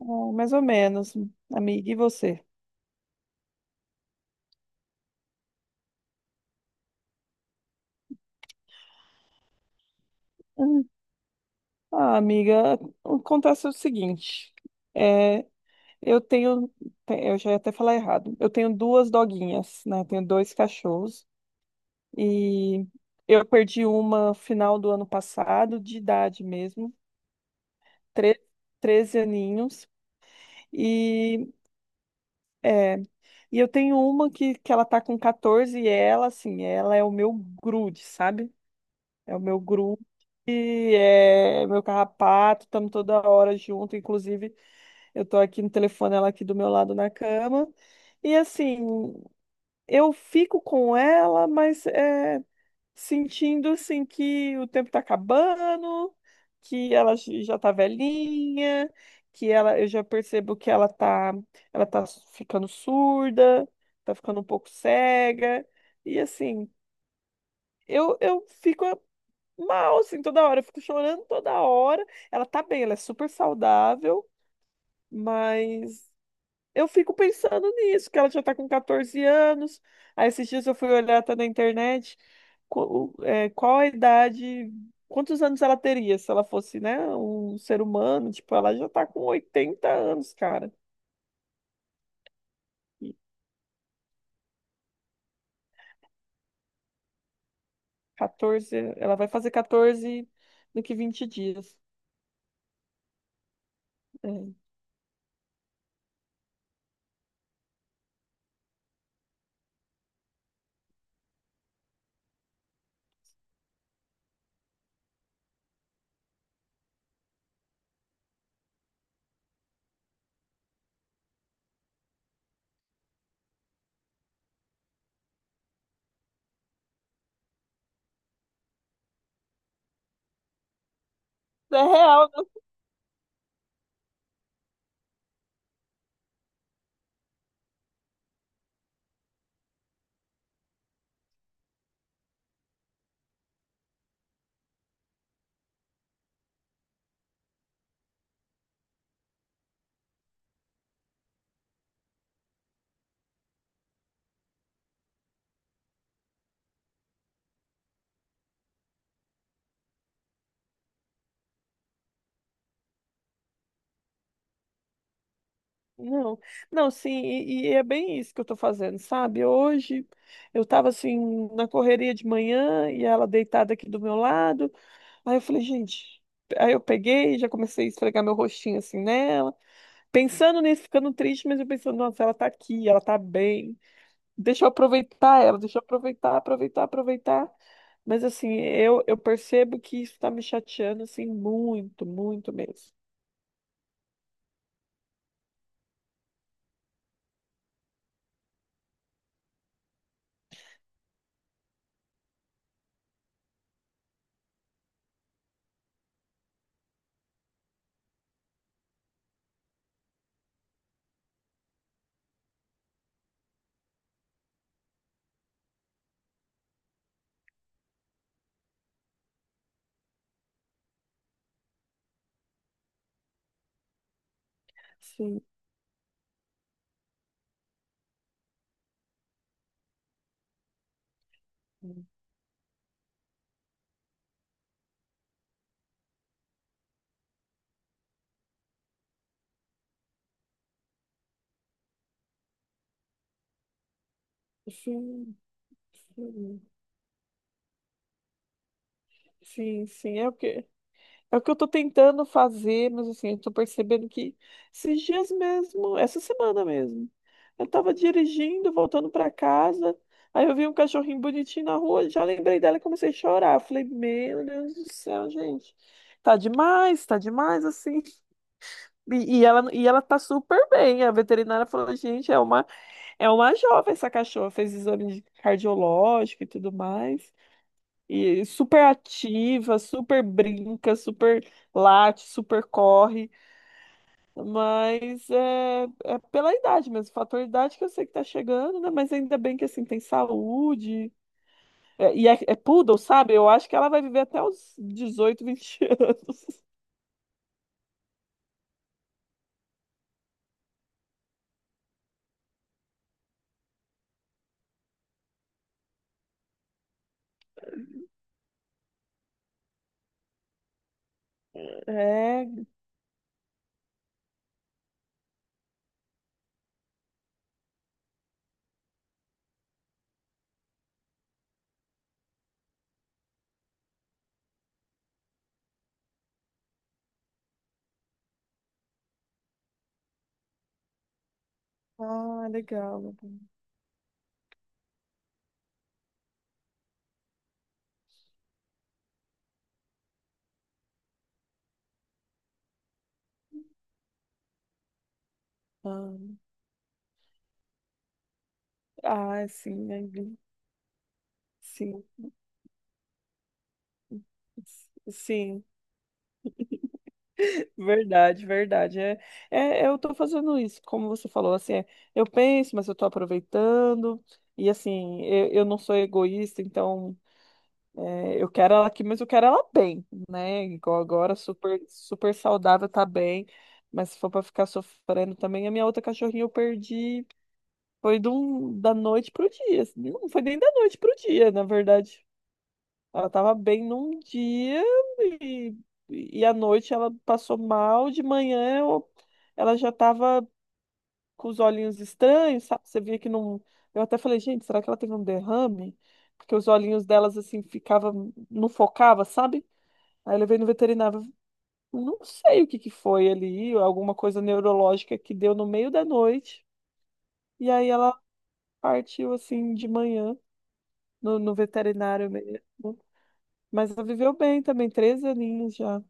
É, mais ou menos, amiga. E você? Hum. Ah, amiga, acontece o seguinte. É, eu tenho, eu já ia até falar errado. Eu tenho duas doguinhas, né? Eu tenho dois cachorros e eu perdi uma final do ano passado, de idade mesmo, tre 13 aninhos. E, é, e eu tenho uma que ela tá com 14 e ela, assim, ela é o meu grude, sabe? É o meu grupo, é meu carrapato, estamos toda hora junto. Inclusive, eu tô aqui no telefone, ela aqui do meu lado na cama. E assim, eu fico com ela, mas sentindo assim que o tempo tá acabando, que ela já tá velhinha, que ela, eu já percebo que ela tá ficando surda, tá ficando um pouco cega. E assim, eu fico mal, assim, toda hora. Eu fico chorando toda hora. Ela tá bem, ela é super saudável, mas eu fico pensando nisso, que ela já tá com 14 anos. Aí esses dias eu fui olhar até na internet qual a idade, quantos anos ela teria se ela fosse, né, um ser humano. Tipo, ela já tá com 80 anos, cara. E 14, ela vai fazer 14 daqui 20 dias. É. É real. Não, não, sim, e é bem isso que eu tô fazendo, sabe? Hoje eu tava assim na correria de manhã e ela deitada aqui do meu lado. Aí eu falei, gente, aí eu peguei, já comecei a esfregar meu rostinho assim nela, pensando nisso, ficando triste, mas eu pensando, nossa, ela tá aqui, ela tá bem. Deixa eu aproveitar ela, deixa eu aproveitar, aproveitar, aproveitar. Mas assim, eu percebo que isso tá me chateando assim muito, muito mesmo. Sim, sim, sim. Sim, sim, é o que eu tô tentando fazer, mas assim, eu tô percebendo que esses dias mesmo, essa semana mesmo, eu tava dirigindo, voltando pra casa, aí eu vi um cachorrinho bonitinho na rua, já lembrei dela e comecei a chorar. Eu falei, meu Deus do céu, gente, tá demais, assim. E ela tá super bem. A veterinária falou, gente, é uma jovem essa cachorra, fez exame de cardiológico e tudo mais. E super ativa, super brinca, super late, super corre, mas é pela idade mesmo, fator idade que eu sei que tá chegando, né? Mas ainda bem que assim tem saúde. É poodle, sabe? Eu acho que ela vai viver até os 18 20 anos. É, ah, legal. Legal. Ah, sim, aí, sim, sim. Verdade, verdade. Eu tô fazendo isso, como você falou, assim, é, eu penso, mas eu tô aproveitando, e assim, eu não sou egoísta, então é, eu quero ela aqui, mas eu quero ela bem, né? Igual agora, super, super saudável, tá bem, mas se for pra ficar sofrendo também, a minha outra cachorrinha eu perdi, foi de da noite pro dia, assim, não foi nem da noite pro dia, na verdade, ela tava bem num dia e, e à noite ela passou mal, de manhã ela já tava com os olhinhos estranhos, sabe? Você via que não. Eu até falei, gente, será que ela teve um derrame? Porque os olhinhos delas assim ficavam, não focava, sabe? Aí eu levei no veterinário, não sei o que que foi ali, alguma coisa neurológica que deu no meio da noite. E aí ela partiu assim de manhã no veterinário mesmo. Mas ela viveu bem também, 3 aninhos já.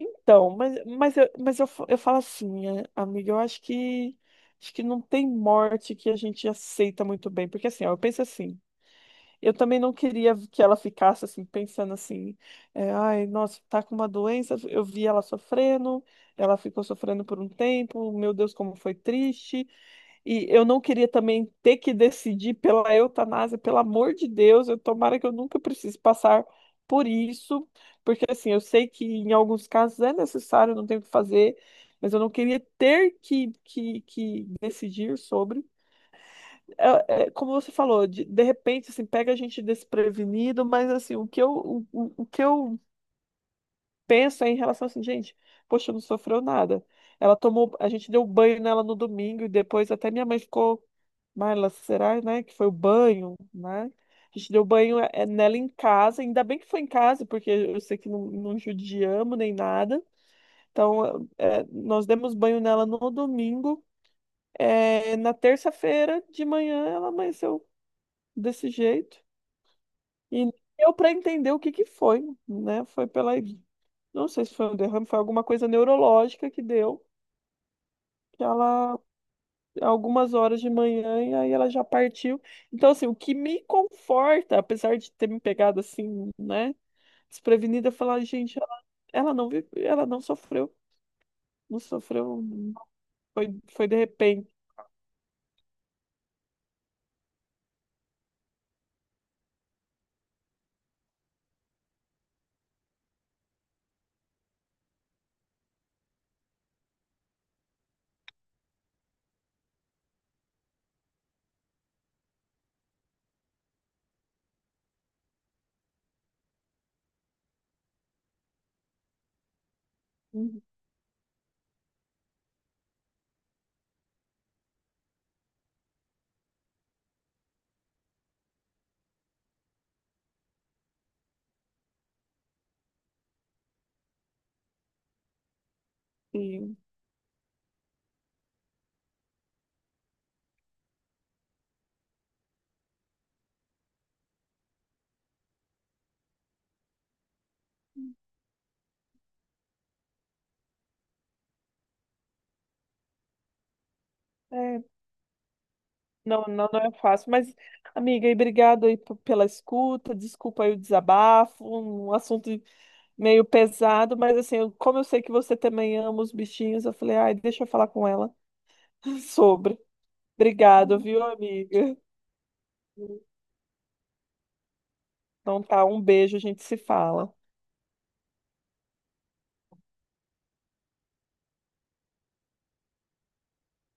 Então, eu falo assim, é, amiga, eu acho que não tem morte que a gente aceita muito bem, porque assim, ó, eu penso assim, eu também não queria que ela ficasse assim, pensando assim, é, ai, nossa, tá com uma doença, eu vi ela sofrendo, ela ficou sofrendo por um tempo, meu Deus, como foi triste, e eu não queria também ter que decidir pela eutanásia, pelo amor de Deus, eu tomara que eu nunca precise passar por isso, porque assim, eu sei que em alguns casos é necessário, não tem o que fazer, mas eu não queria ter que, que decidir sobre. É como você falou, de repente, assim, pega a gente desprevenido, mas assim, o que eu pensa em relação assim, gente, poxa, não sofreu nada. Ela tomou, a gente deu banho nela no domingo e depois até minha mãe ficou, Marla, será, né, que foi o banho, né? A gente deu banho eh, nela em casa, ainda bem que foi em casa, porque eu sei que não, não judiamos nem nada. Então, eh, nós demos banho nela no domingo. Eh, na terça-feira de manhã ela amanheceu desse jeito. E nem deu para entender o que que foi, né? Foi pela. Não sei se foi um derrame, foi alguma coisa neurológica que deu, que ela, algumas horas de manhã, e aí ela já partiu. Então, assim, o que me conforta, apesar de ter me pegado assim, né, desprevenida, é falar, gente, ela, ela não sofreu, não sofreu, foi, foi de repente. Enfim, é, não, não, não é fácil, mas, amiga, e obrigado aí pela escuta, desculpa aí o desabafo, um assunto meio pesado, mas assim, como eu sei que você também ama os bichinhos, eu falei, ai, deixa eu falar com ela sobre. Obrigado, viu, amiga? Então tá, um beijo, a gente se fala.